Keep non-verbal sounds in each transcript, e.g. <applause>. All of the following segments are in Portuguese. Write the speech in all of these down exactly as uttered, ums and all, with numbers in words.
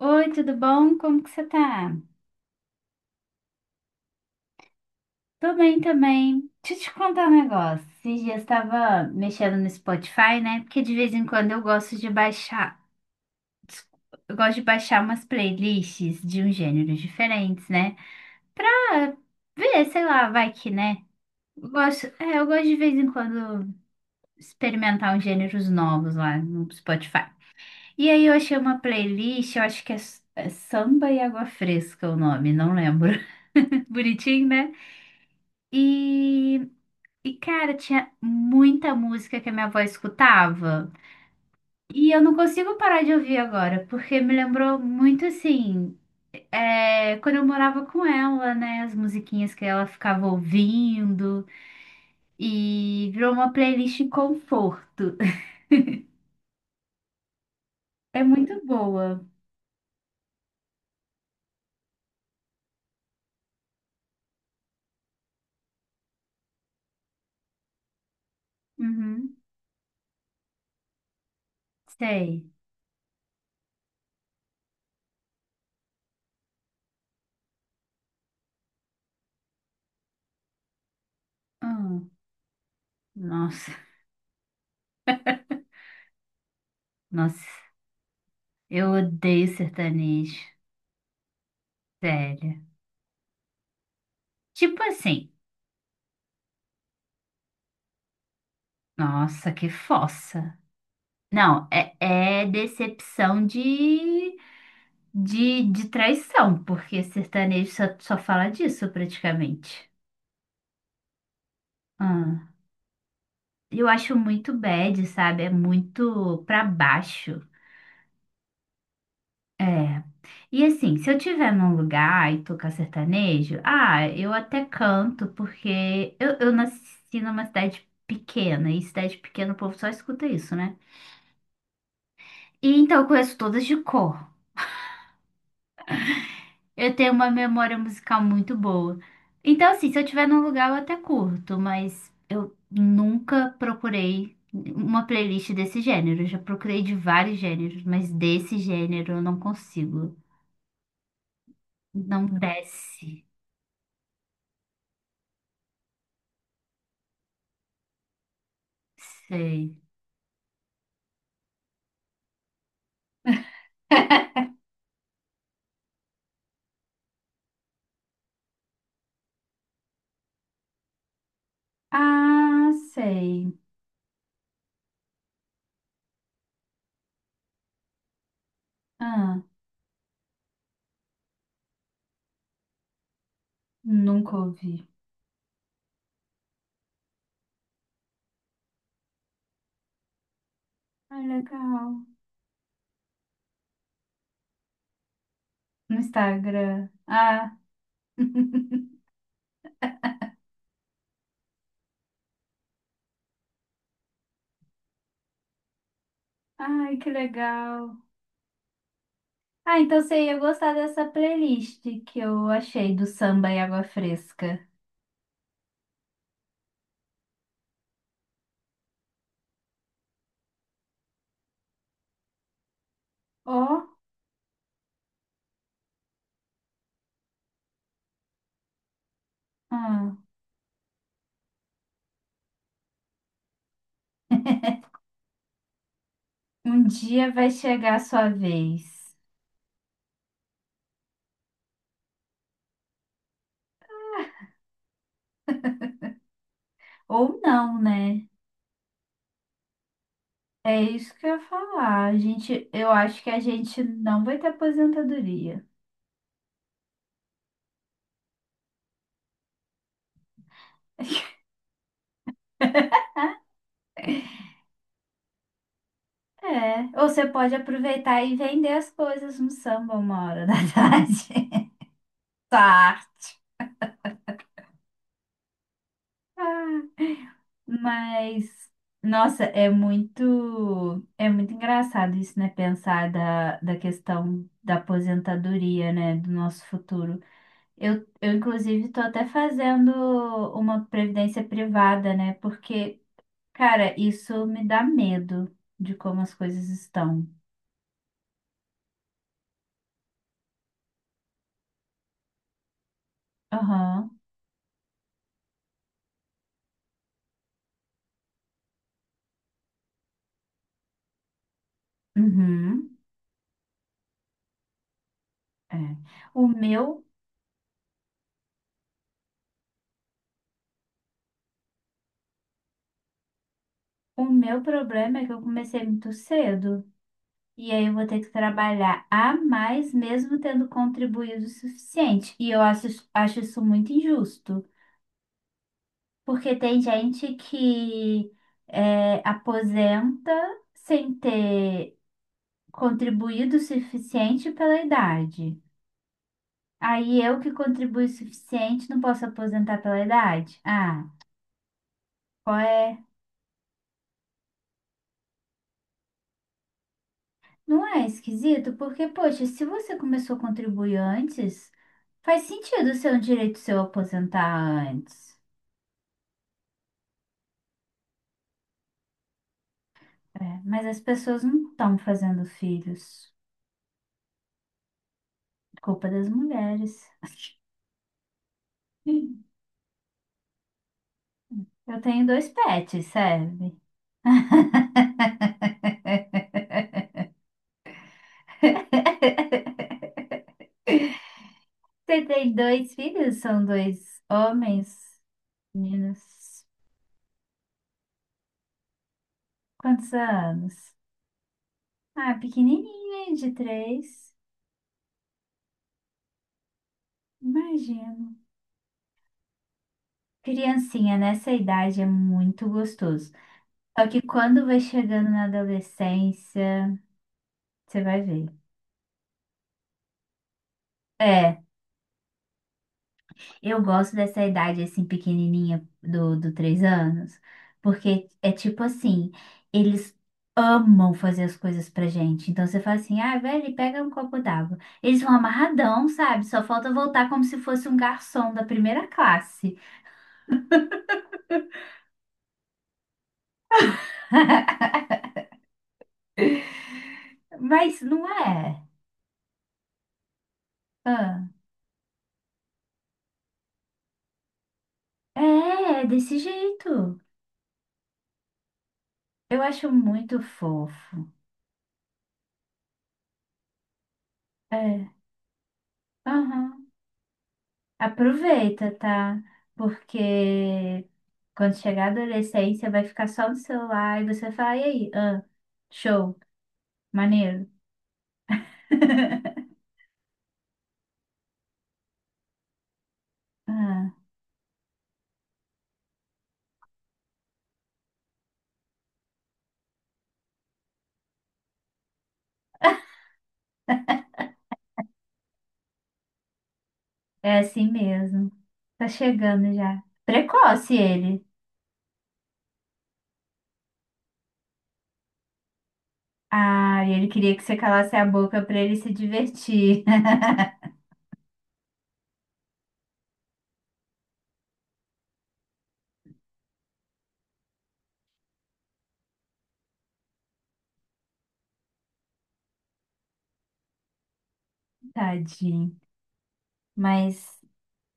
Oi, tudo bom? Como que você tá? Tô bem também. Deixa eu te contar um negócio. Esses dias estava mexendo no Spotify, né? Porque de vez em quando eu gosto de baixar, desculpa, eu gosto de baixar umas playlists de uns gêneros diferentes, né? Pra ver, sei lá, vai que, né? Eu gosto, é, eu gosto de vez em quando experimentar uns gêneros novos lá no Spotify. E aí eu achei uma playlist, eu acho que é, s- é Samba e Água Fresca o nome, não lembro. <laughs> Bonitinho, né? E, e, cara, tinha muita música que a minha avó escutava. E eu não consigo parar de ouvir agora, porque me lembrou muito assim, é, quando eu morava com ela, né? As musiquinhas que ela ficava ouvindo. E virou uma playlist conforto. <laughs> É muito boa. Uhum, sei. Hum, nossa, nossa, eu odeio sertanejo. Sério. Tipo assim, nossa, que fossa. Não, é, é decepção de, de, de traição, porque sertanejo só, só fala disso praticamente. Ah, eu acho muito bad, sabe? É muito pra baixo. É. E assim, se eu tiver num lugar e tocar sertanejo, ah, eu até canto, porque eu, eu nasci numa cidade pequena, e cidade pequena o povo só escuta isso, né? E então eu conheço todas de cor. Eu tenho uma memória musical muito boa. Então, assim, se eu estiver num lugar, eu até curto, mas eu nunca procurei uma playlist desse gênero. Eu já procurei de vários gêneros, mas desse gênero eu não consigo. Não desce. Sei. <laughs> Ah, sei. Ah, nunca ouvi. Ah, legal. No Instagram. Ah, <laughs> ai, que legal. Ah, então você ia gostar dessa playlist que eu achei do samba e água fresca. Ó, ah, um dia vai chegar a sua vez. Ou não, né? É isso que eu ia falar. A gente, eu acho que a gente não vai ter aposentadoria. É, ou você pode aproveitar e vender as coisas no samba uma hora da tarde. <laughs> Sua arte. Mas, nossa, é muito, é muito engraçado isso, né? Pensar da, da questão da aposentadoria, né? Do nosso futuro. Eu, eu inclusive, estou até fazendo uma previdência privada, né? Porque, cara, isso me dá medo de como as coisas estão. Aham, uhum, é. O meu, o meu problema é que eu comecei muito cedo. E aí eu vou ter que trabalhar a mais, mesmo tendo contribuído o suficiente. E eu acho, acho isso muito injusto, porque tem gente que é, aposenta sem ter contribuído o suficiente pela idade. Aí eu que contribuí o suficiente não posso aposentar pela idade? Ah, qual é? Não é esquisito? Porque, poxa, se você começou a contribuir antes, faz sentido ser um direito seu aposentar antes. É, mas as pessoas não estão fazendo filhos. Culpa das mulheres. <laughs> Sim. Eu tenho dois pets, serve. Você tem dois filhos? São dois homens, meninos. Quantos anos? Ah, pequenininho, de três. Imagino. Criancinha nessa idade é muito gostoso. Só que quando vai chegando na adolescência, você vai ver. É. Eu gosto dessa idade assim pequenininha do, do três anos, porque é tipo assim, eles amam fazer as coisas pra gente. Então você fala assim, ah, velho, pega um copo d'água. Eles vão amarradão, sabe? Só falta voltar como se fosse um garçom da primeira classe. Mas não é. Ah, é, é desse jeito. Eu acho muito fofo. É. Aham. Aproveita, tá? Porque quando chegar a adolescência, vai ficar só no celular e você vai falar, e aí? Ah, show, maneiro. Ah, é assim mesmo. Tá chegando já. Precoce ele. Ah, e ele queria que você calasse a boca pra ele se divertir. <laughs> Tadinho. Mas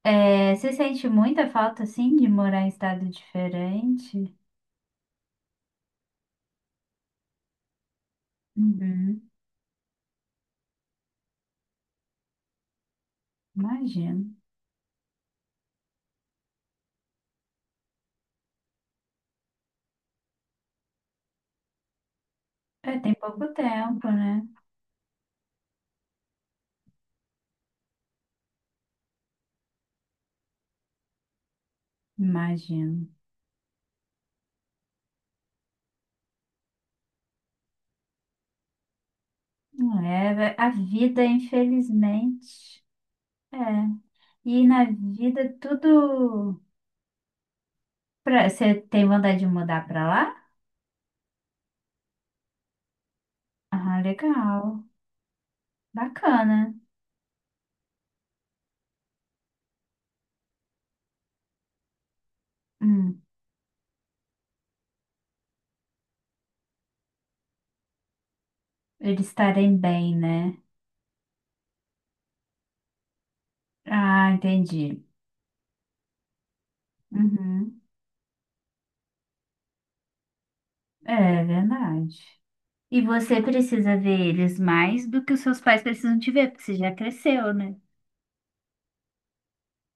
é, você sente muita falta, assim, de morar em estado diferente? Uhum, imagino. É, tem pouco tempo, né? Imagino. Não é, a vida, infelizmente. É. E na vida tudo. Pra... Você tem vontade de mudar pra lá? Ah, legal. Bacana. Hum, eles estarem bem, né? Ah, entendi. Uhum. É verdade. E você precisa ver eles mais do que os seus pais precisam te ver, porque você já cresceu, né?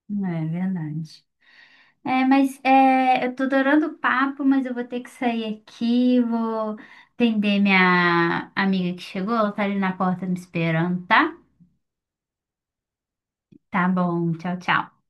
Hum, é verdade. É, mas é, eu tô adorando o papo, mas eu vou ter que sair aqui, vou atender minha amiga que chegou, ela tá ali na porta me esperando, tá? Tá bom, tchau, tchau.